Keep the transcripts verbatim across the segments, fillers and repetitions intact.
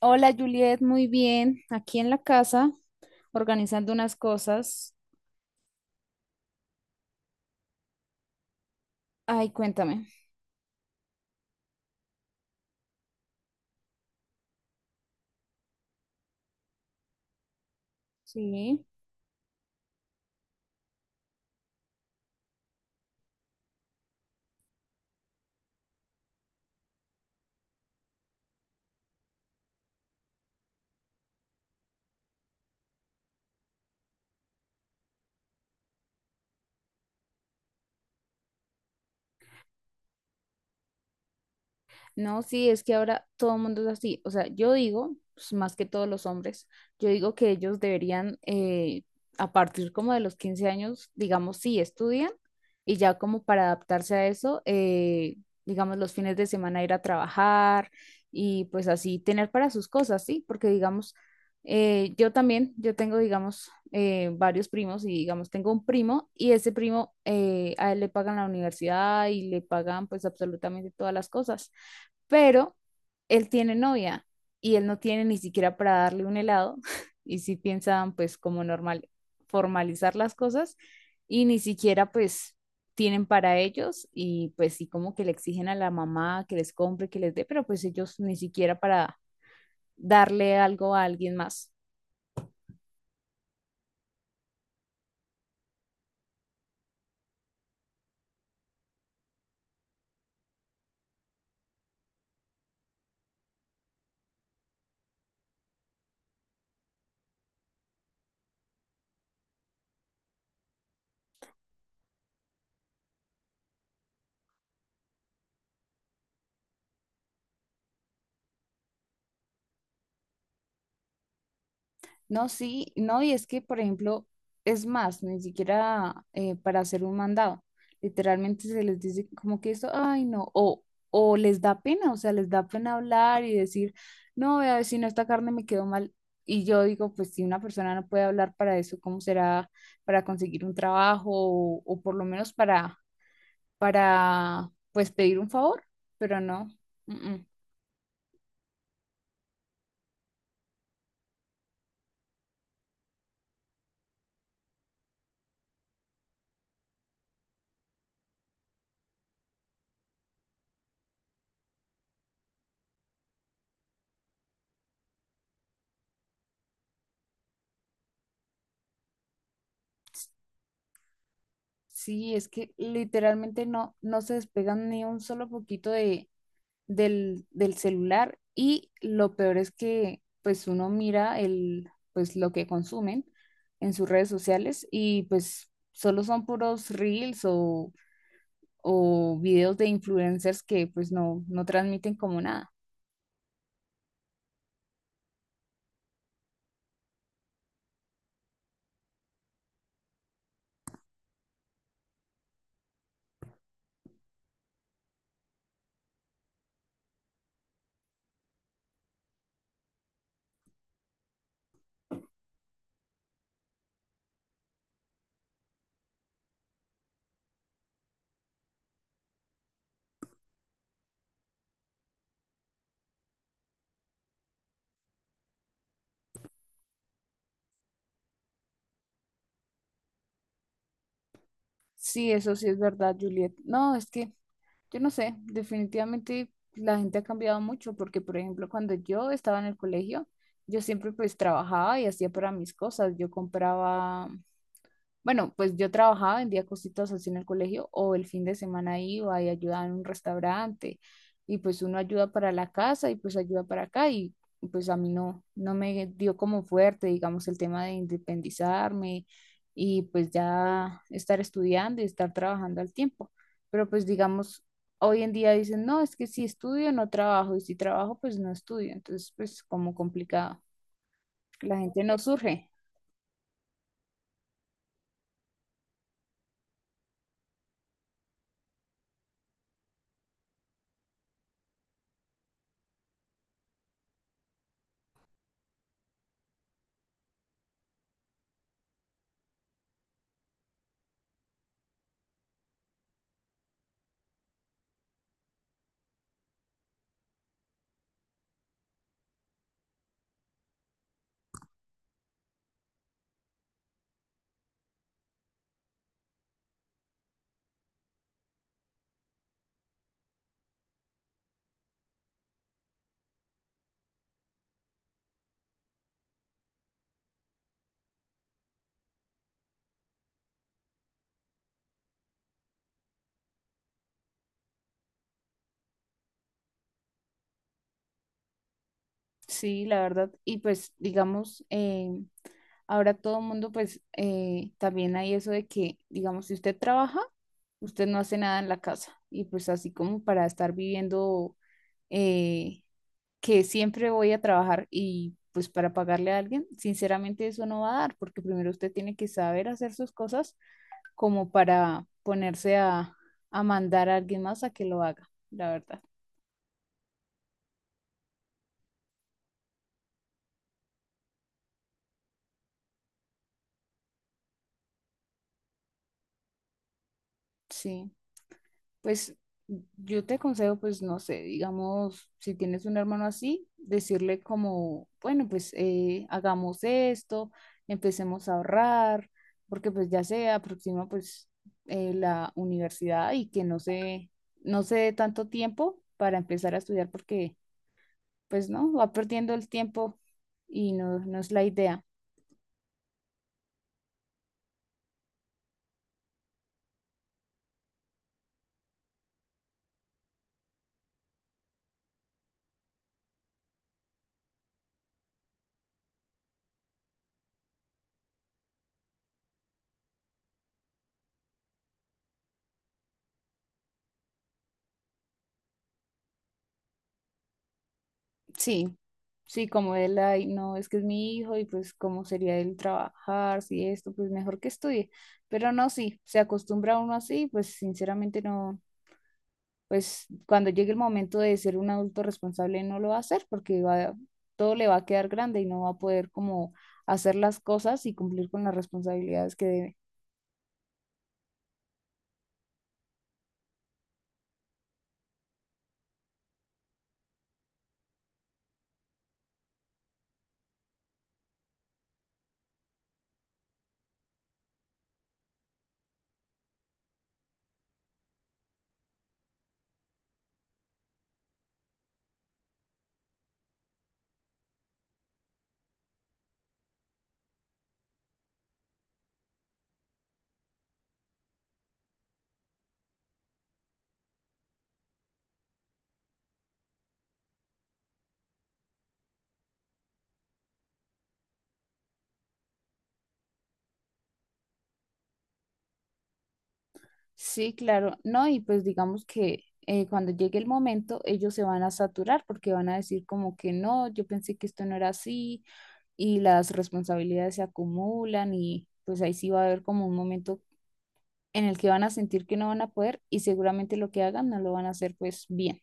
Hola Juliet, muy bien. Aquí en la casa, organizando unas cosas. Ay, cuéntame. Sí. No, sí, es que ahora todo el mundo es así. O sea, yo digo, pues, más que todos los hombres, yo digo que ellos deberían, eh, a partir como de los quince años, digamos, sí, estudian y ya como para adaptarse a eso, eh, digamos, los fines de semana ir a trabajar y pues así tener para sus cosas, ¿sí? Porque digamos, eh, yo también, yo tengo, digamos, eh, varios primos y digamos, tengo un primo y ese primo, eh, a él le pagan la universidad y le pagan pues absolutamente todas las cosas, pero él tiene novia y él no tiene ni siquiera para darle un helado y sí piensan pues como normal formalizar las cosas y ni siquiera pues tienen para ellos y pues sí como que le exigen a la mamá que les compre, que les dé, pero pues ellos ni siquiera para darle algo a alguien más. No, sí, no, y es que, por ejemplo, es más, ni siquiera eh, para hacer un mandado. Literalmente se les dice como que eso, ay, no, o, o les da pena, o sea, les da pena hablar y decir, no, vea, vecino, esta carne me quedó mal. Y yo digo, pues si una persona no puede hablar para eso, ¿cómo será para conseguir un trabajo o, o por lo menos para, para, pues pedir un favor? Pero no. Mm, mm. Sí, es que literalmente no, no se despegan ni un solo poquito de del, del celular y lo peor es que pues uno mira el, pues lo que consumen en sus redes sociales y pues solo son puros reels o, o videos de influencers que pues no, no transmiten como nada. Sí, eso sí es verdad, Juliet. No, es que yo no sé, definitivamente la gente ha cambiado mucho porque, por ejemplo, cuando yo estaba en el colegio, yo siempre pues trabajaba y hacía para mis cosas. Yo compraba Bueno, pues yo trabajaba, vendía cositas así en el colegio o el fin de semana iba y ayudaba en un restaurante y pues uno ayuda para la casa y pues ayuda para acá y y, pues a mí no, no me dio como fuerte, digamos, el tema de independizarme y pues ya estar estudiando y estar trabajando al tiempo. Pero pues digamos, hoy en día dicen, no, es que si estudio no trabajo y si trabajo pues no estudio. Entonces pues como complicado, la gente no surge. Sí, la verdad. Y pues, digamos, eh, ahora todo el mundo, pues, eh, también hay eso de que, digamos, si usted trabaja, usted no hace nada en la casa. Y pues así como para estar viviendo, eh, que siempre voy a trabajar y pues para pagarle a alguien, sinceramente eso no va a dar, porque primero usted tiene que saber hacer sus cosas como para ponerse a, a mandar a alguien más a que lo haga, la verdad. Sí. Pues yo te aconsejo, pues no sé, digamos, si tienes un hermano así, decirle como, bueno, pues eh, hagamos esto, empecemos a ahorrar, porque pues ya se aproxima pues eh, la universidad y que no se, no se dé tanto tiempo para empezar a estudiar, porque pues no, va perdiendo el tiempo y no, no es la idea. Sí, sí, como él, ay, no, es que es mi hijo y pues cómo sería él trabajar, si esto, pues mejor que estudie. Pero no, sí, se acostumbra uno así, pues sinceramente no, pues cuando llegue el momento de ser un adulto responsable no lo va a hacer porque va, todo le va a quedar grande y no va a poder como hacer las cosas y cumplir con las responsabilidades que debe. Sí, claro, no, y pues digamos que eh, cuando llegue el momento ellos se van a saturar porque van a decir como que no, yo pensé que esto no era así y las responsabilidades se acumulan y pues ahí sí va a haber como un momento en el que van a sentir que no van a poder y seguramente lo que hagan no lo van a hacer pues bien.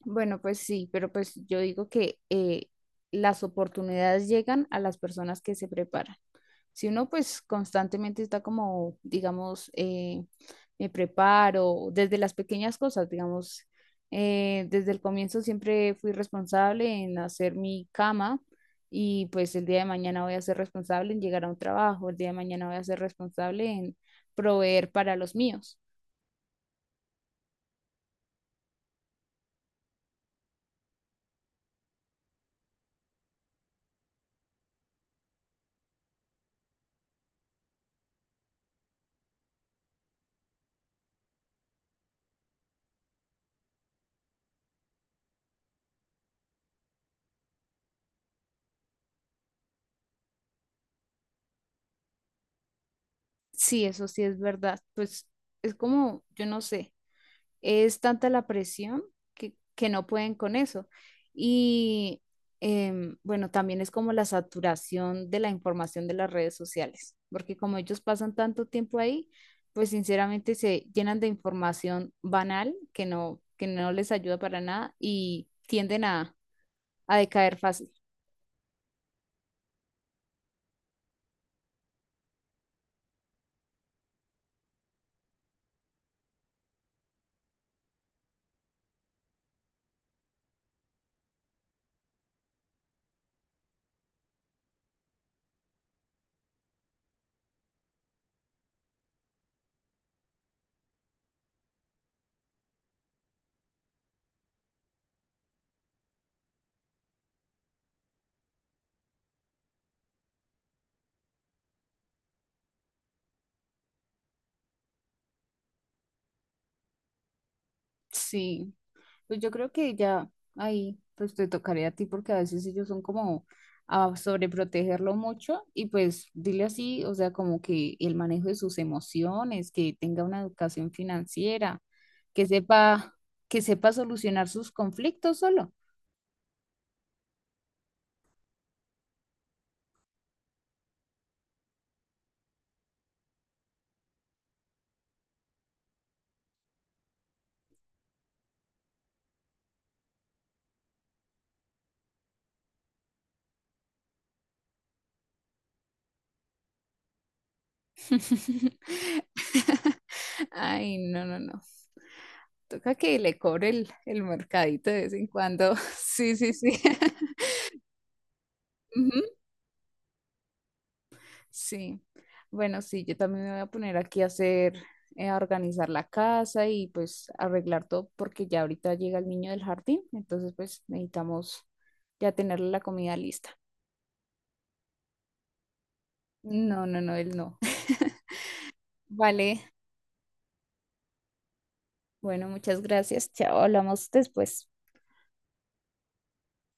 Bueno, pues sí, pero pues yo digo que eh, las oportunidades llegan a las personas que se preparan. Si uno pues constantemente está como, digamos, eh, me preparo desde las pequeñas cosas, digamos, eh, desde el comienzo siempre fui responsable en hacer mi cama y pues el día de mañana voy a ser responsable en llegar a un trabajo, el día de mañana voy a ser responsable en proveer para los míos. Sí, eso sí es verdad. Pues es como, yo no sé. Es tanta la presión que, que no pueden con eso. Y em, bueno, también es como la saturación de la información de las redes sociales, porque como ellos pasan tanto tiempo ahí, pues sinceramente se llenan de información banal que no, que no les ayuda para nada y tienden a, a decaer fácil. Sí. Pues yo creo que ya ahí pues te tocaría a ti porque a veces ellos son como a sobreprotegerlo mucho y pues dile así, o sea, como que el manejo de sus emociones, que tenga una educación financiera, que sepa, que sepa solucionar sus conflictos solo. Ay, no, no, no. Toca que le cobre el, el mercadito de vez en cuando. Sí, sí, sí. Ujú. Sí, bueno, sí, yo también me voy a poner aquí a hacer, eh, a organizar la casa y pues arreglar todo porque ya ahorita llega el niño del jardín, entonces pues necesitamos ya tener la comida lista. No, no, no, él no. Vale, bueno, muchas gracias. Chao, hablamos después.